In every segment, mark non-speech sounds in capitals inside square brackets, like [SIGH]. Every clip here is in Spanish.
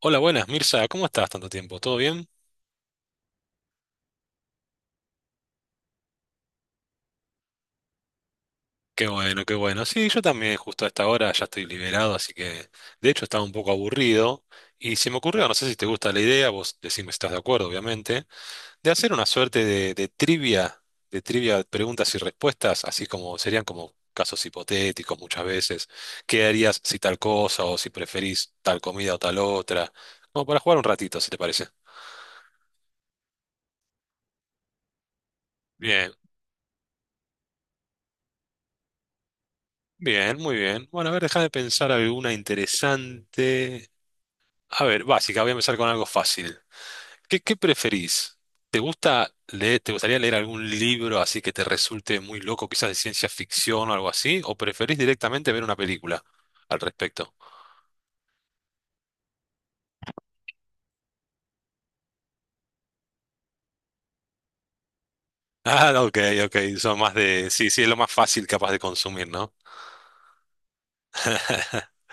Hola, buenas, Mirza, ¿cómo estás tanto tiempo? ¿Todo bien? Qué bueno, qué bueno. Sí, yo también justo a esta hora ya estoy liberado, así que de hecho estaba un poco aburrido y se me ocurrió, no sé si te gusta la idea, vos decime si estás de acuerdo, obviamente, de hacer una suerte de trivia, de trivia de preguntas y respuestas, así como serían como casos hipotéticos muchas veces. ¿Qué harías si tal cosa o si preferís tal comida o tal otra? Como para jugar un ratito, si te parece. Bien, bien, muy bien. Bueno, a ver, déjame pensar alguna interesante. A ver, básica, voy a empezar con algo fácil. ¿Qué preferís? ¿Te gusta leer, te gustaría leer algún libro así que te resulte muy loco, quizás de ciencia ficción o algo así? ¿O preferís directamente ver una película al respecto? [LAUGHS] Ah, ok, ok, son más de... Sí, sí, es lo más fácil capaz de consumir, ¿no? [LAUGHS]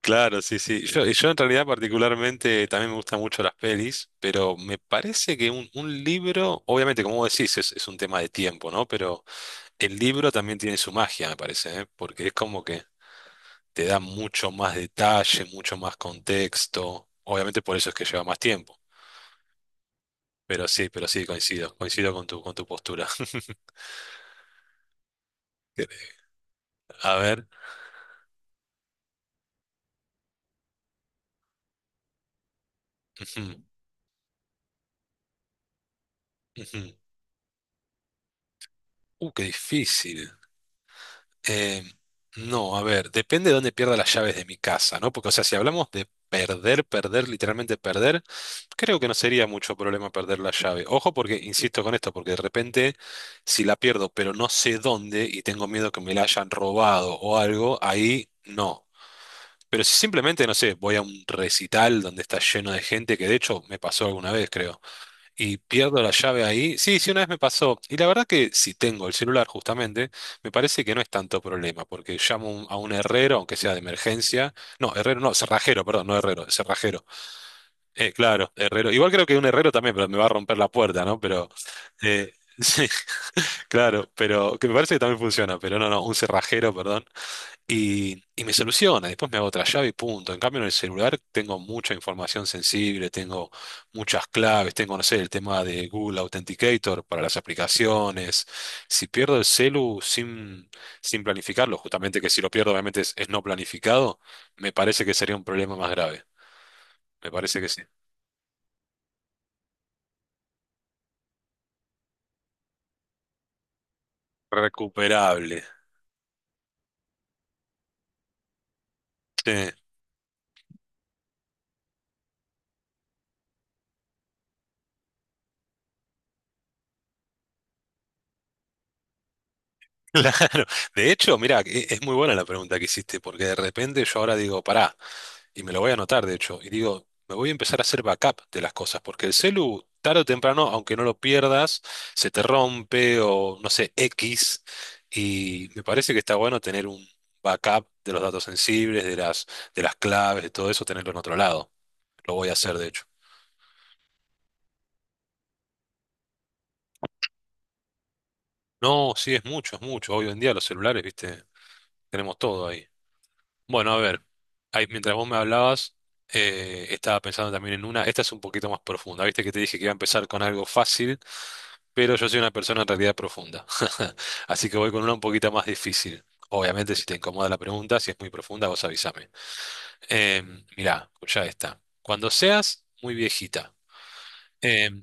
Claro, sí, sí. Yo en realidad particularmente también me gustan mucho las pelis, pero me parece que un libro, obviamente como vos decís, es un tema de tiempo, ¿no? Pero... El libro también tiene su magia, me parece, ¿eh? Porque es como que te da mucho más detalle, mucho más contexto. Obviamente por eso es que lleva más tiempo. Pero sí, coincido, coincido con tu postura. [LAUGHS] A ver. Ujú, ujú. Qué difícil. Eh, no, a ver, depende de dónde pierda las llaves de mi casa, ¿no? Porque, o sea, si hablamos de perder, perder, literalmente perder, creo que no sería mucho problema perder la llave. Ojo, porque, insisto con esto, porque de repente, si la pierdo, pero no sé dónde y tengo miedo que me la hayan robado o algo, ahí no. Pero si simplemente, no sé, voy a un recital donde está lleno de gente, que de hecho me pasó alguna vez, creo y pierdo la llave ahí. Sí, sí, una vez me pasó. Y la verdad que si tengo el celular justamente, me parece que no es tanto problema, porque llamo a un herrero, aunque sea de emergencia. No, herrero no, cerrajero, perdón, no herrero, cerrajero. Claro, herrero. Igual creo que un herrero también, pero me va a romper la puerta, ¿no? Pero, eh, [LAUGHS] sí, claro, pero que me parece que también funciona, pero no, no, un cerrajero, perdón. Y me soluciona, después me hago otra llave y punto. En cambio, en el celular tengo mucha información sensible, tengo muchas claves, tengo, no sé, el tema de Google Authenticator para las aplicaciones. Si pierdo el celu sin planificarlo, justamente que si lo pierdo obviamente es no planificado, me parece que sería un problema más grave. Me parece que sí. Recuperable. Sí, [LAUGHS] claro. De hecho, mira, es muy buena la pregunta que hiciste, porque de repente yo ahora digo, pará. Y me lo voy a anotar, de hecho, y digo, me voy a empezar a hacer backup de las cosas, porque el celu, tarde o temprano, aunque no lo pierdas, se te rompe o no sé, X, y me parece que está bueno tener un backup de los datos sensibles, de las claves, de todo eso, tenerlo en otro lado. Lo voy a hacer, de hecho. No, sí, es mucho, es mucho. Hoy en día los celulares, viste, tenemos todo ahí. Bueno, a ver, ahí, mientras vos me hablabas, estaba pensando también en una, esta es un poquito más profunda, viste que te dije que iba a empezar con algo fácil, pero yo soy una persona en realidad profunda, [LAUGHS] así que voy con una un poquito más difícil. Obviamente, si te incomoda la pregunta, si es muy profunda, vos avísame. Mirá, ya está. Cuando seas muy viejita, em,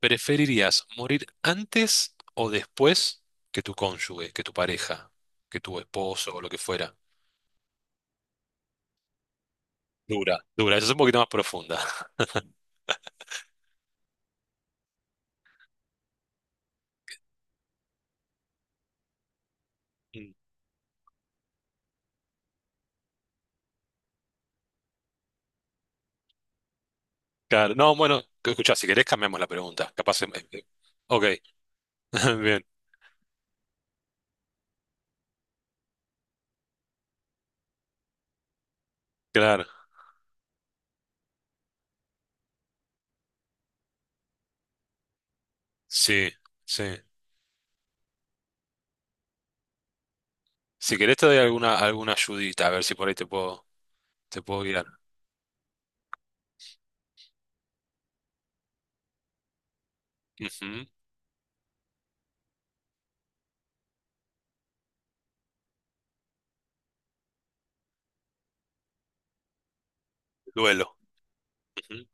¿preferirías morir antes o después que tu cónyuge, que tu pareja, que tu esposo o lo que fuera? Dura, dura. Esa es un poquito más profunda. [LAUGHS] Mm. Claro. No, bueno, escucha si querés cambiamos la pregunta. Capaz. Ok, [LAUGHS] bien, claro. Sí, sí. Si querés te doy alguna, alguna ayudita, a ver si por ahí te puedo guiar. Ujú. Duelo. Ujú.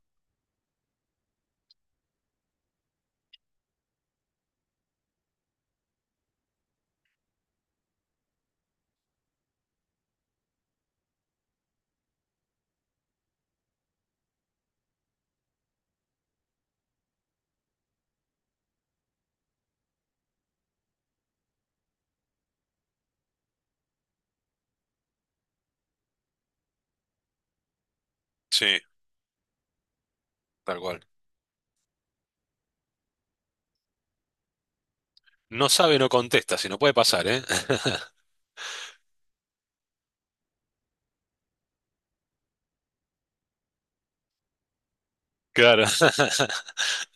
Sí, tal cual. No sabe, no contesta, si no puede pasar, ¿eh? [LAUGHS] Claro. [LAUGHS]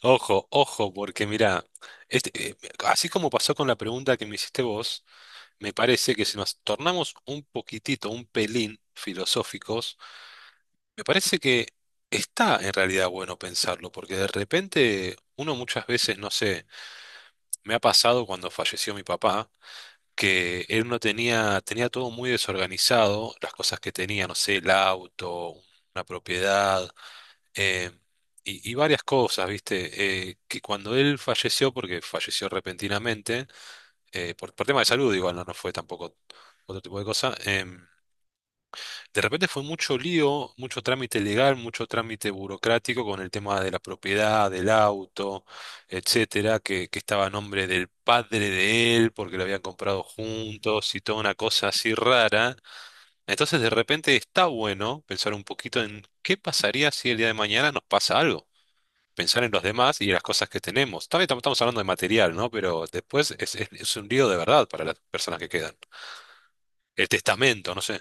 Ojo, ojo, porque mirá, este, eh, así como pasó con la pregunta que me hiciste vos. Me parece que si nos tornamos un poquitito, un pelín filosóficos, me parece que está en realidad bueno pensarlo, porque de repente uno muchas veces, no sé, me ha pasado cuando falleció mi papá, que él no tenía, tenía todo muy desorganizado, las cosas que tenía, no sé, el auto, una propiedad, eh, y varias cosas, ¿viste? Que cuando él falleció, porque falleció repentinamente, por tema de salud igual, no, no fue tampoco otro tipo de cosa. De repente fue mucho lío, mucho trámite legal, mucho trámite burocrático con el tema de la propiedad, del auto, etcétera, que estaba a nombre del padre de él porque lo habían comprado juntos y toda una cosa así rara. Entonces de repente está bueno pensar un poquito en qué pasaría si el día de mañana nos pasa algo. Pensar en los demás y en las cosas que tenemos. También estamos hablando de material, ¿no? Pero después es, es un lío de verdad para las personas que quedan. El testamento, no sé.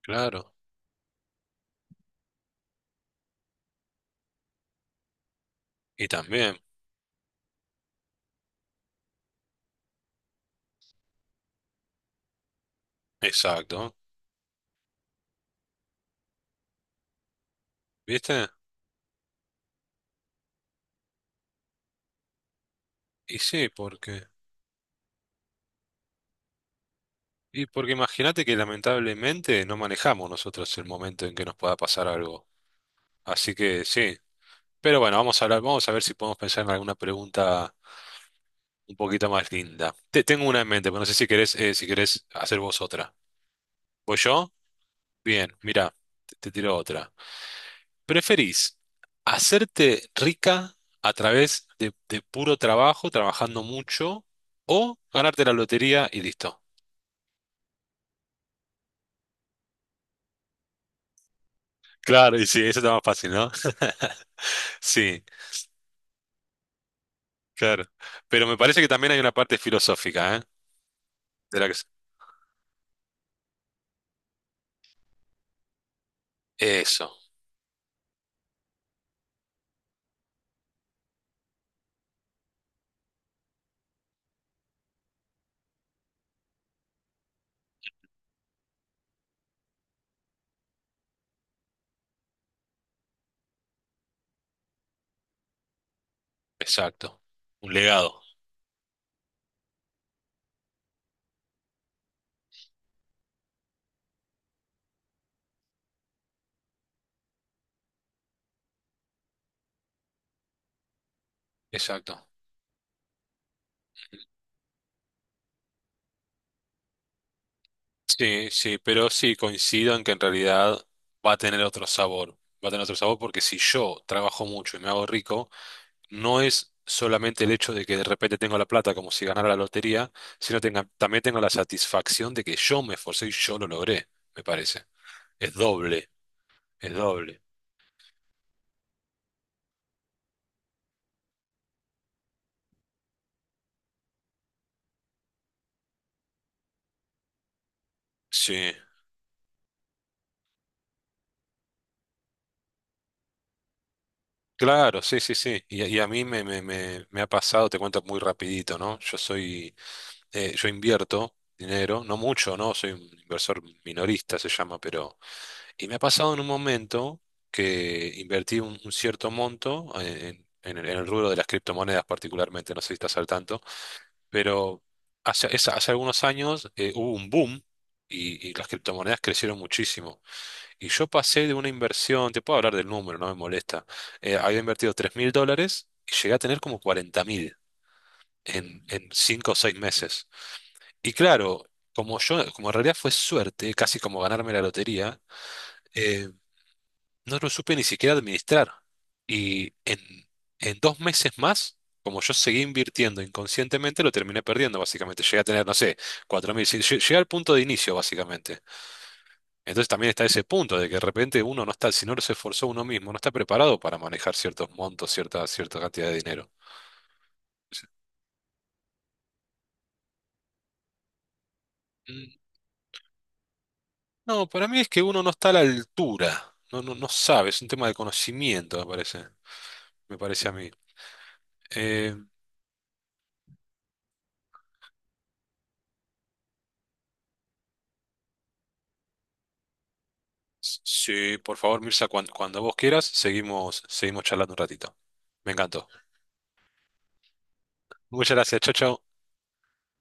Claro. Y también, exacto. ¿Viste? Y sí, porque. Y porque imagínate que lamentablemente no manejamos nosotros el momento en que nos pueda pasar algo. Así que sí. Pero bueno, vamos a hablar, vamos a ver si podemos pensar en alguna pregunta un poquito más linda. Tengo una en mente, pero no sé si querés, si querés hacer vos otra. ¿Voy yo? Bien, mira, te tiro otra. ¿Preferís hacerte rica a través de puro trabajo, trabajando mucho, o ganarte la lotería y listo? Claro, y sí, eso está más fácil, ¿no? [LAUGHS] Sí, claro. Pero me parece que también hay una parte filosófica, ¿eh? De la que... Eso, exacto. Un legado. Exacto. Sí, sí, pero sí coincido en que en realidad va a tener otro sabor. Va a tener otro sabor porque si yo trabajo mucho y me hago rico, no es solamente el hecho de que de repente tengo la plata como si ganara la lotería, sino también tengo la satisfacción de que yo me esforcé y yo lo logré, me parece. Es doble, es doble. Sí. Claro, sí, sí, sí. Y a mí me ha pasado, te cuento muy rapidito, ¿no? Yo soy, yo invierto dinero, no mucho, ¿no? Soy un inversor minorista, se llama, pero... Y me ha pasado en un momento que invertí un cierto monto en el rubro de las criptomonedas particularmente, no sé si estás al tanto, pero hace, hace algunos años hubo un boom y las criptomonedas crecieron muchísimo. Y yo pasé de una inversión, te puedo hablar del número, no me molesta. Había invertido 3.000 dólares y llegué a tener como 40.000 en 5 o 6 meses. Y claro, como yo, como en realidad fue suerte, casi como ganarme la lotería, eh, no lo supe ni siquiera administrar. Y en 2 meses más, como yo seguí invirtiendo inconscientemente, lo terminé perdiendo, básicamente. Llegué a tener, no sé, 4.000. Sí, Llegué al punto de inicio, básicamente. Entonces también está ese punto de que de repente uno no está, si no se esforzó uno mismo, no está preparado para manejar ciertos montos, cierta, cierta cantidad de dinero. Mm, no, para mí es que uno no está a la altura, no, no, no sabe, es un tema de conocimiento, me parece a mí. Eh, sí, por favor, Mirza, cuando, vos quieras, seguimos, seguimos charlando un ratito. Me encantó. Muchas gracias, chao, chao.